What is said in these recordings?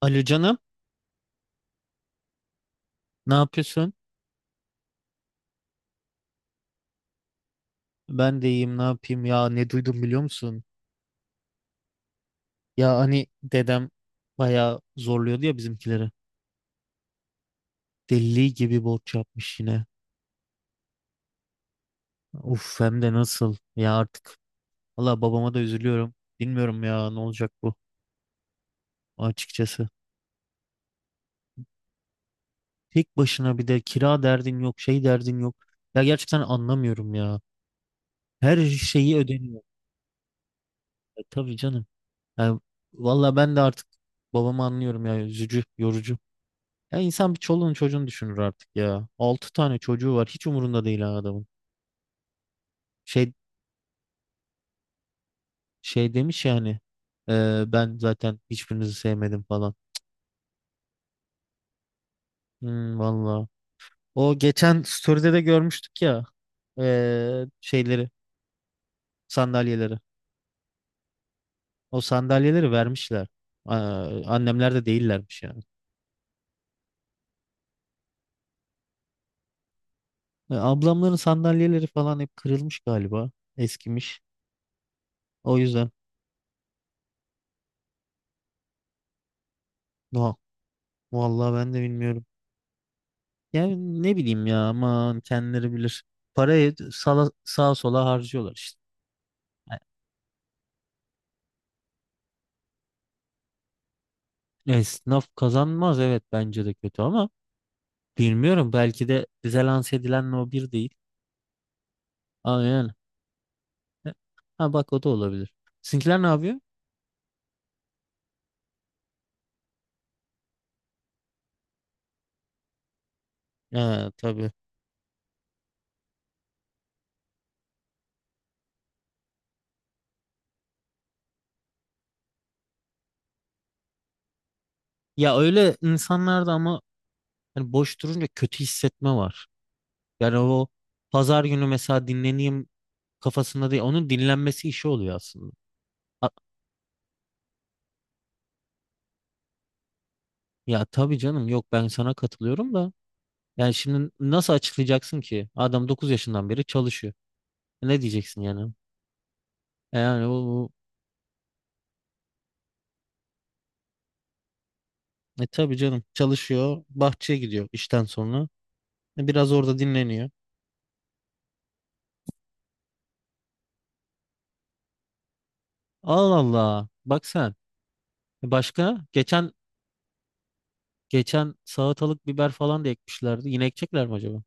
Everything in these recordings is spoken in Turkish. Alo canım, ne yapıyorsun? Ben de iyiyim, ne yapayım ya? Ne duydum biliyor musun? Ya hani dedem bayağı zorluyordu ya bizimkileri. Deli gibi borç yapmış yine. Uf hem de nasıl ya artık. Valla babama da üzülüyorum. Bilmiyorum ya ne olacak bu açıkçası. Tek başına bir de kira derdin yok, şey derdin yok. Ya gerçekten anlamıyorum ya. Her şeyi ödeniyor. E, tabii canım. Yani, valla ben de artık babamı anlıyorum ya. Üzücü, yorucu. Ya insan bir çoluğunu çocuğunu düşünür artık ya. 6 tane çocuğu var. Hiç umurunda değil ha adamın. Şey şey demiş yani. Ben zaten hiçbirinizi sevmedim falan." Hmm, valla. O geçen story'de de görmüştük ya. Şeyleri, sandalyeleri. O sandalyeleri vermişler. Aa, annemler de değillermiş yani. E, ablamların sandalyeleri falan hep kırılmış galiba. Eskimiş. O yüzden. No. Vallahi ben de bilmiyorum. Yani ne bileyim ya aman kendileri bilir. Parayı sağa sola harcıyorlar işte. Yani esnaf kazanmaz evet bence de kötü ama bilmiyorum belki de bize lanse edilen o bir değil. Ama yani. Ha bak o da olabilir. Sizinkiler ne yapıyor? Ha, tabii. Ya öyle insanlarda ama hani boş durunca kötü hissetme var. Yani o pazar günü mesela dinleneyim kafasında değil. Onun dinlenmesi işi oluyor aslında. A- Ya tabii canım yok ben sana katılıyorum da. Yani şimdi nasıl açıklayacaksın ki? Adam 9 yaşından beri çalışıyor. Ne diyeceksin yani? E, yani tabii canım çalışıyor. Bahçeye gidiyor işten sonra. E, biraz orada dinleniyor. Allah Allah. Bak sen. E, başka? Geçen salatalık biber falan da ekmişlerdi. Yine ekecekler mi acaba?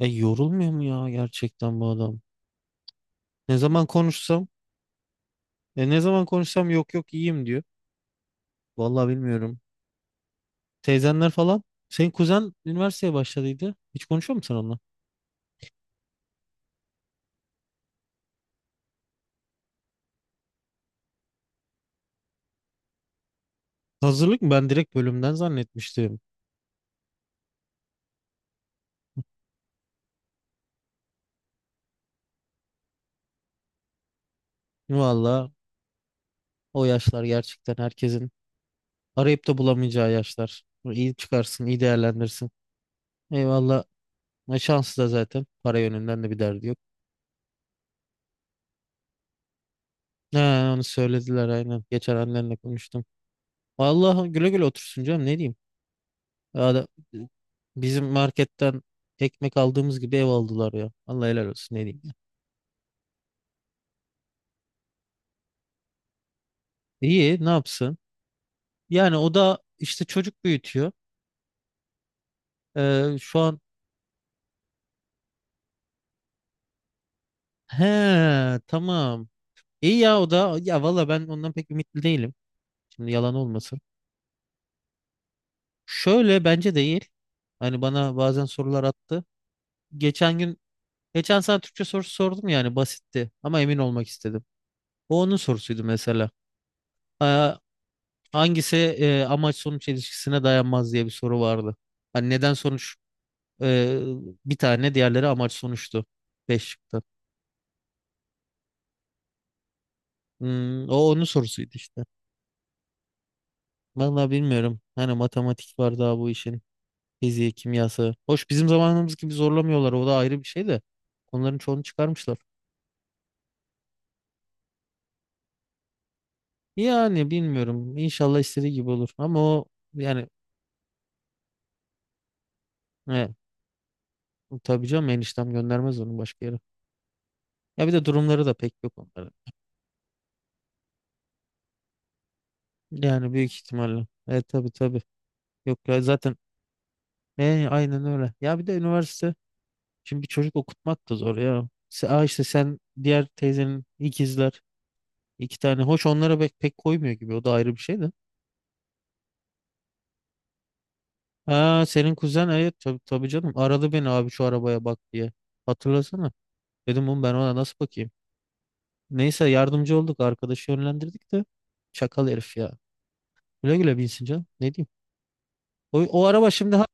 E, yorulmuyor mu ya gerçekten bu adam? Ne zaman konuşsam? E, ne zaman konuşsam yok, yok iyiyim diyor. Vallahi bilmiyorum. Teyzenler falan. Senin kuzen üniversiteye başladıydı. Hiç konuşuyor musun onunla? Hazırlık mı? Ben direkt bölümden zannetmiştim. Valla o yaşlar gerçekten herkesin arayıp da bulamayacağı yaşlar. İyi çıkarsın, iyi değerlendirsin. Eyvallah. E, şansı da zaten. Para yönünden de bir derdi yok. Ha, onu söylediler aynen. Geçen annenle konuştum. Vallahi güle güle otursun canım ne diyeyim. Ya da- Bizim marketten ekmek aldığımız gibi ev aldılar ya. Allah helal olsun ne diyeyim. İyi ne yapsın? Yani o da işte çocuk büyütüyor. Şu an. He, tamam. İyi ya, o da ya valla ben ondan pek ümitli değilim. Şimdi yalan olmasın. Şöyle bence değil. Hani bana bazen sorular attı. Geçen gün Geçen sana Türkçe sorusu sordum yani basitti ama emin olmak istedim. O onun sorusuydu mesela. Ha, hangisi amaç sonuç ilişkisine dayanmaz diye bir soru vardı. Hani neden sonuç, e, bir tane diğerleri amaç sonuçtu. Beş çıktı. Hmm, o onun sorusuydu işte. Vallahi bilmiyorum. Hani matematik var daha bu işin. Fiziği, kimyası. Hoş bizim zamanımız gibi zorlamıyorlar. O da ayrı bir şey de. Onların çoğunu çıkarmışlar. Yani bilmiyorum. İnşallah istediği gibi olur. Ama o. Yani, e, tabii canım eniştem göndermez onu başka yere. Ya bir de durumları da pek yok onların. Yani büyük ihtimalle. E, tabii tabii. Yok ya zaten, aynen öyle. Ya bir de üniversite. Şimdi bir çocuk okutmak da zor ya. Aa, işte sen diğer teyzenin ikizler. 2 tane. Hoş onlara pek koymuyor gibi. O da ayrı bir şey de. Ha senin kuzen, evet tabii, tabii canım aradı beni abi şu arabaya bak diye. Hatırlasana. Dedim oğlum ben ona nasıl bakayım. Neyse yardımcı olduk arkadaşı yönlendirdik de. Çakal herif ya. Güle güle binsin canım. Ne diyeyim. O araba şimdi ha.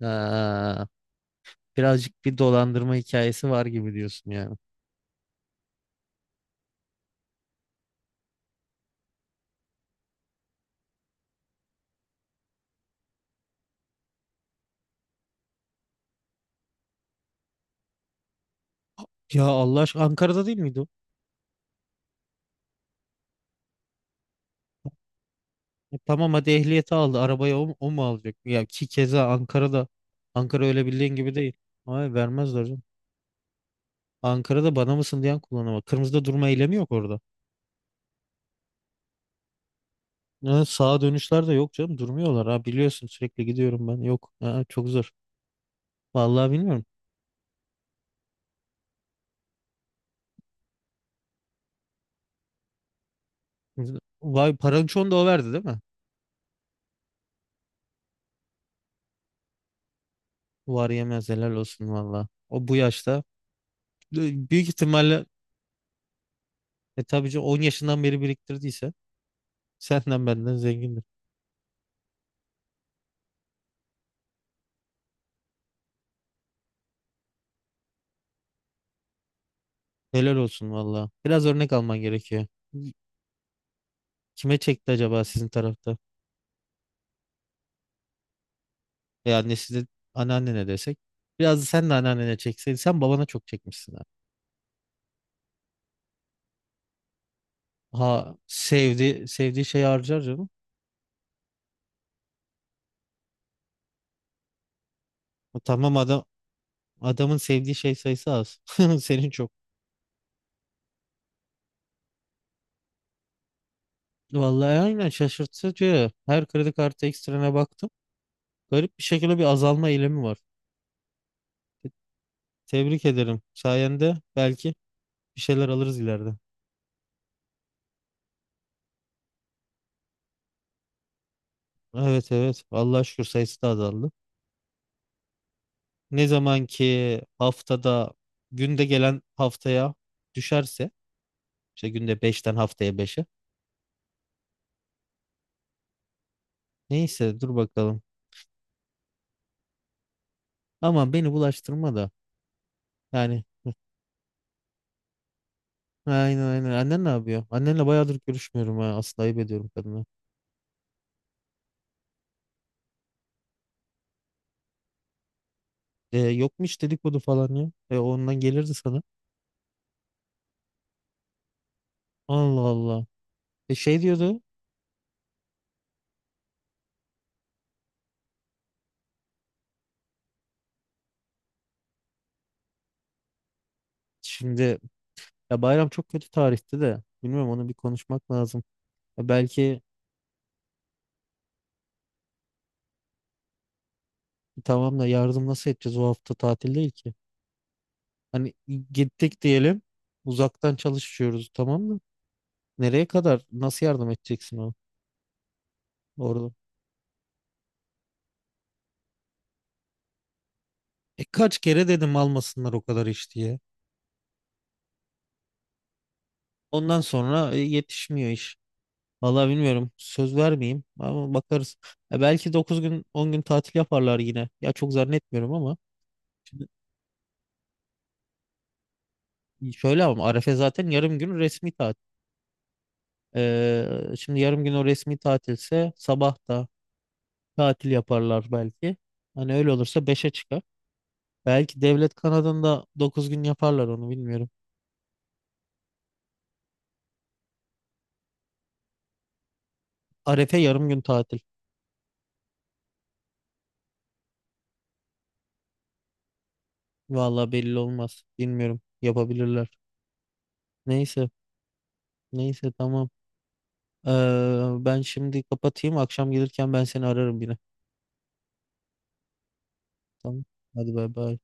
Ha, birazcık bir dolandırma hikayesi var gibi diyorsun yani. Ya Allah aşkına Ankara'da değil miydi o? E, tamam hadi ehliyeti aldı. Arabayı o mu alacak? Ya ki keza Ankara'da. Ankara öyle bildiğin gibi değil. Hayır, vermezler canım. Ankara'da bana mısın diyen kullanıma. Kırmızıda durma eylemi yok orada. Ha, sağa dönüşler de yok canım. Durmuyorlar ha, biliyorsun sürekli gidiyorum ben. Yok ha, çok zor. Vallahi bilmiyorum. Vay parançon da o verdi değil mi? Var yemez helal olsun valla. O bu yaşta. Büyük ihtimalle. Tabii ki 10 yaşından beri biriktirdiyse senden benden zengindir. Helal olsun valla. Biraz örnek alman gerekiyor. Kime çekti acaba sizin tarafta? E, annesi de anneannene desek. Biraz da sen de anneannene çekseydin. Sen babana çok çekmişsin. Ha, sevdiği şeyi harcar canım. Ha, tamam adamın sevdiği şey sayısı az. Senin çok. Vallahi aynen şaşırtıcı. Her kredi kartı ekstrene baktım. Garip bir şekilde bir azalma eğilimi var. Te- Tebrik ederim. Sayende belki bir şeyler alırız ileride. Evet, evet. Allah'a şükür sayısı da azaldı. Ne zaman ki haftada günde gelen haftaya düşerse işte günde beşten haftaya beşe. Neyse dur bakalım. Ama beni bulaştırma da. Yani. Aynen, aynen. Annen ne yapıyor? Annenle bayağıdır görüşmüyorum ha. Aslında ayıp ediyorum kadına. E, yok mu hiç dedikodu falan ya? E, ondan gelirdi sana. Allah Allah. E, şey diyordu. Şimdi, ya bayram çok kötü tarihti de. Bilmiyorum onu bir konuşmak lazım. E, belki. Tamam da, yardım nasıl edeceğiz? O hafta tatil değil ki. Hani gittik diyelim. Uzaktan çalışıyoruz tamam mı? Nereye kadar? Nasıl yardım edeceksin o orada? E, kaç kere dedim almasınlar o kadar iş diye. Ondan sonra yetişmiyor iş. Vallahi bilmiyorum. Söz vermeyeyim ama bakarız. E, belki 9 gün 10 gün tatil yaparlar yine. Ya çok zannetmiyorum ama. Şimdi şöyle ama Arefe zaten yarım gün resmi tatil. E, şimdi yarım gün o resmi tatilse sabah da tatil yaparlar belki. Hani öyle olursa beşe çıkar. Belki devlet kanadında 9 gün yaparlar onu bilmiyorum. Arefe yarım gün tatil. Vallahi belli olmaz. Bilmiyorum. Yapabilirler. Neyse. Neyse tamam. Ben şimdi kapatayım. Akşam gelirken ben seni ararım yine. Tamam. Hadi bay bay.